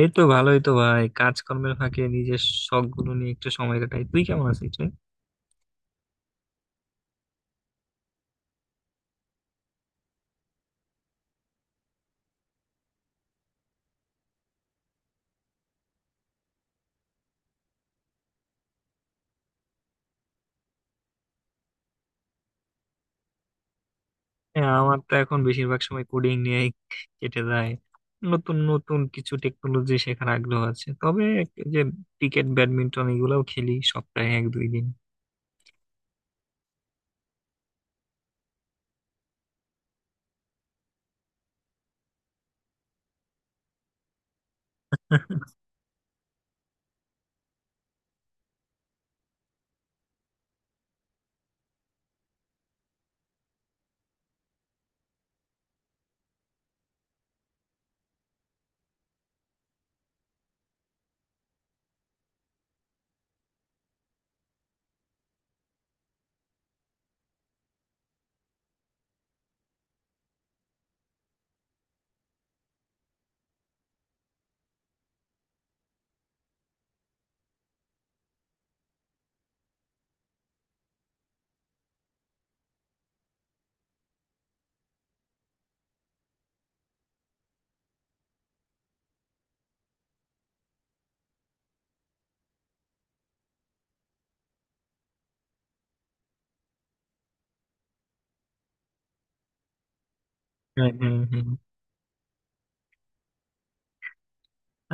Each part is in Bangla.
এই তো ভালোই তো ভাই, কাজকর্মের ফাঁকে নিজের শখ গুলো নিয়ে একটু সময় কাটাই। তুই কেমন আছিস রে? হ্যাঁ, আমার তো এখন বেশিরভাগ সময় কোডিং নিয়েই কেটে যায়। নতুন নতুন কিছু টেকনোলজি শেখার আগ্রহ আছে, তবে এই যে ক্রিকেট, ব্যাডমিন্টন এগুলাও খেলি সপ্তাহে এক দুই দিন। হ্যাঁ হ্যাঁ হ্যাঁ।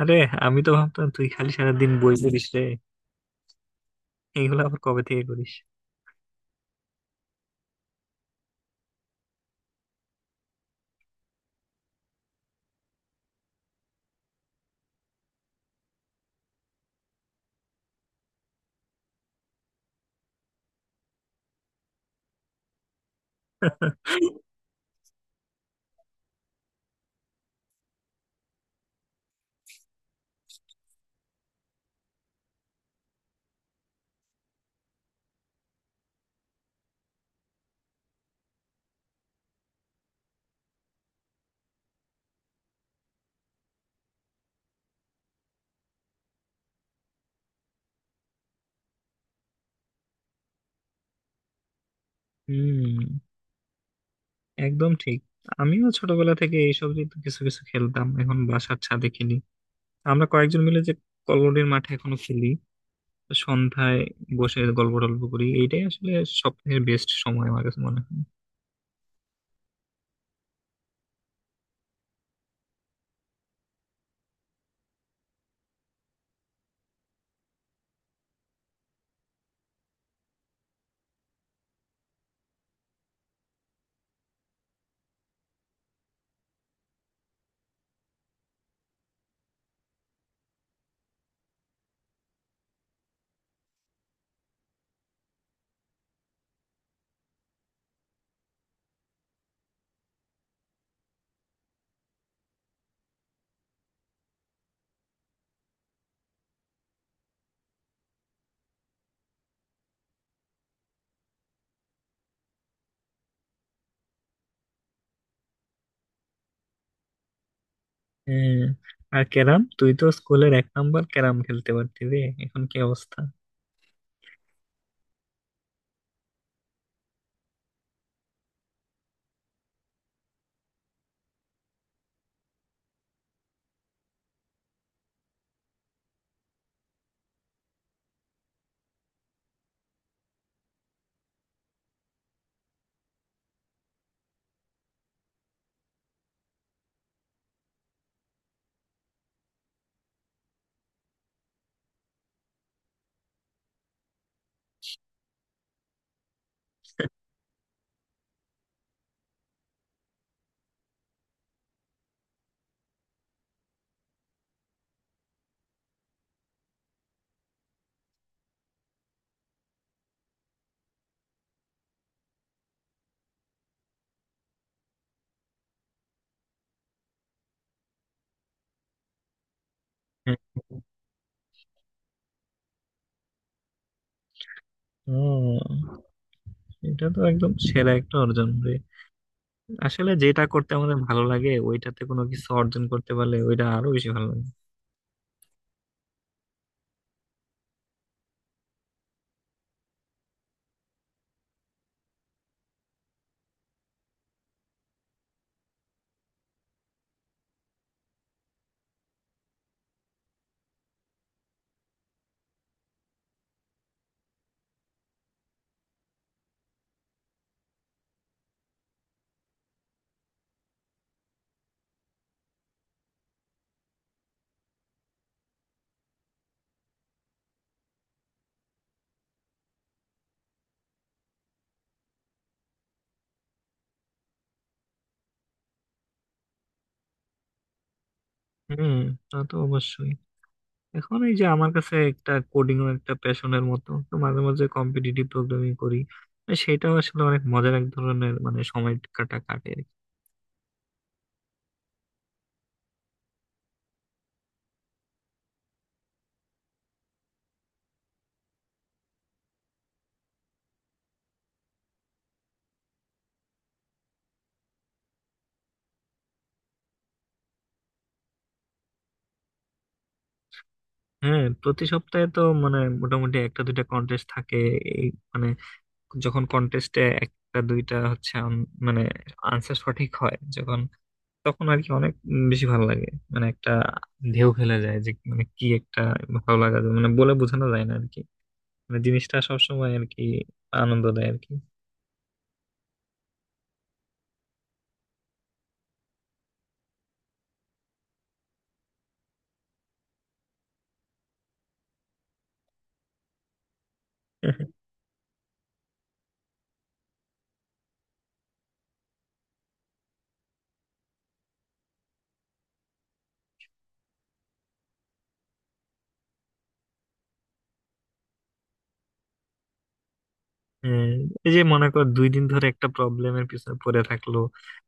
আরে, আমি তো ভাবতাম তুই খালি সারাদিন বই পড়িস রে। এগুলো আবার কবে থেকে করিস? হুম, একদম ঠিক। আমিও ছোটবেলা থেকে এইসব নিয়ে তো কিছু কিছু খেলতাম, এখন বাসার ছাদে খেলি। আমরা কয়েকজন মিলে যে কল্লোলের মাঠে এখনো খেলি সন্ধ্যায়, বসে গল্প টল্প করি, এইটাই আসলে সবথেকে বেস্ট সময় আমার কাছে মনে হয়। হ্যাঁ, আর ক্যারাম তুই তো স্কুলের এক নাম্বার ক্যারাম খেলতে পারতি রে। এখন কি অবস্থা? হ্যাঁ। ও, এটা তো একদম সেরা একটা অর্জন রে। আসলে যেটা করতে আমাদের ভালো লাগে ওইটাতে কোনো কিছু অর্জন করতে পারলে ওইটা আরো বেশি ভালো লাগে। হুম, তা তো অবশ্যই। এখন এই যে আমার কাছে একটা কোডিং ও একটা প্যাশনের মতো, তো মাঝে মাঝে কম্পিটিটিভ প্রোগ্রামিং করি, আর সেটাও আসলে অনেক মজার এক ধরনের সময় কাটা কাটে আর কি। হ্যাঁ, প্রতি সপ্তাহে তো মোটামুটি একটা দুইটা কন্টেস্ট থাকে। এই মানে যখন কন্টেস্টে একটা দুইটা হচ্ছে, আম- মানে আনসার সঠিক হয় যখন, তখন আর কি অনেক বেশি ভালো লাগে। মানে একটা ঢেউ খেলে যায়, যে মানে কি একটা ভালো লাগা যায়, মানে বলে বোঝানো যায় না আর কি। মানে জিনিসটা সবসময় আর কি আনন্দ দেয় আর কি। হ্যাঁ, এই যে মনে কর দুই দিন ধরে একটা প্রবলেমের পিছনে পড়ে থাকলো,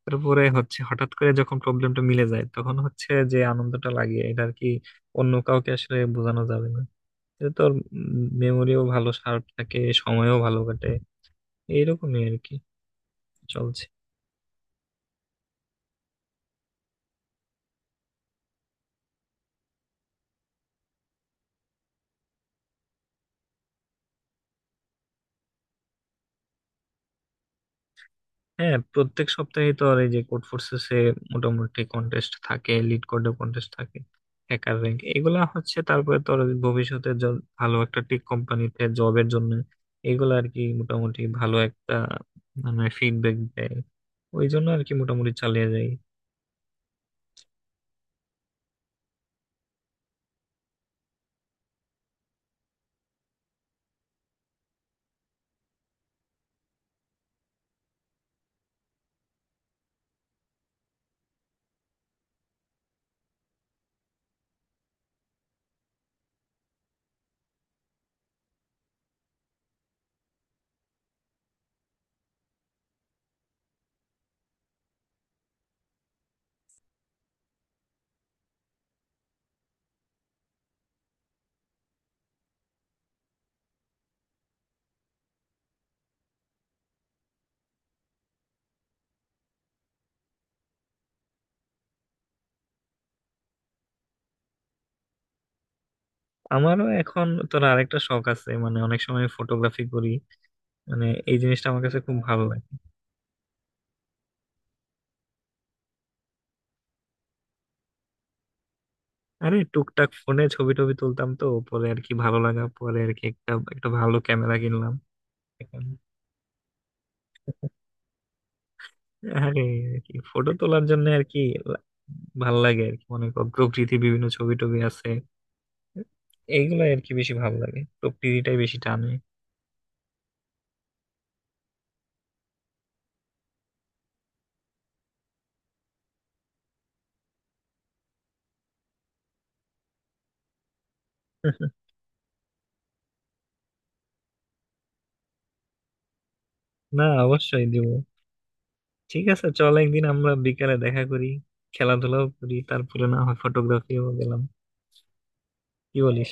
তারপরে হচ্ছে হঠাৎ করে যখন প্রবলেমটা মিলে যায়, তখন হচ্ছে যে আনন্দটা লাগে এটা আর কি অন্য কাউকে আসলে বোঝানো যাবে না। এটা তোর মেমোরিও ভালো শার্প থাকে, সময়ও ভালো কাটে। এইরকমই আর কি চলছে। হ্যাঁ, প্রত্যেক সপ্তাহে তো আর এই যে কোড ফোর্সেসে মোটামুটি কন্টেস্ট থাকে, লিড কোডের কন্টেস্ট থাকে, হ্যাকার র্যাঙ্ক এগুলা হচ্ছে। তারপরে তো আর ভবিষ্যতে ভালো একটা টেক কোম্পানিতে জবের জন্য এগুলা আর কি মোটামুটি ভালো একটা ফিডব্যাক দেয়। ওই জন্য আর কি মোটামুটি চালিয়ে যাই। আমারও এখন তোর আরেকটা শখ আছে, অনেক সময় ফটোগ্রাফি করি। মানে এই জিনিসটা আমার কাছে খুব ভালো লাগে। আরে, টুকটাক ফোনে ছবি টবি তুলতাম, তো পরে আর কি ভালো লাগা, পরে আর কি একটা একটা ভালো ক্যামেরা কিনলাম। আরে কি, ফটো তোলার জন্য আর কি লা- ভাল লাগে আর কি। মনে কর প্রকৃতির বিভিন্ন ছবি টবি আছে, এইগুলো আর কি বেশি ভালো লাগে, প্রকৃতিটাই বেশি টানে। না, অবশ্যই দিব। ঠিক আছে, চল একদিন আমরা বিকালে দেখা করি, খেলাধুলাও করি, তারপরে না হয় ফটোগ্রাফিও গেলাম। কি বলিস?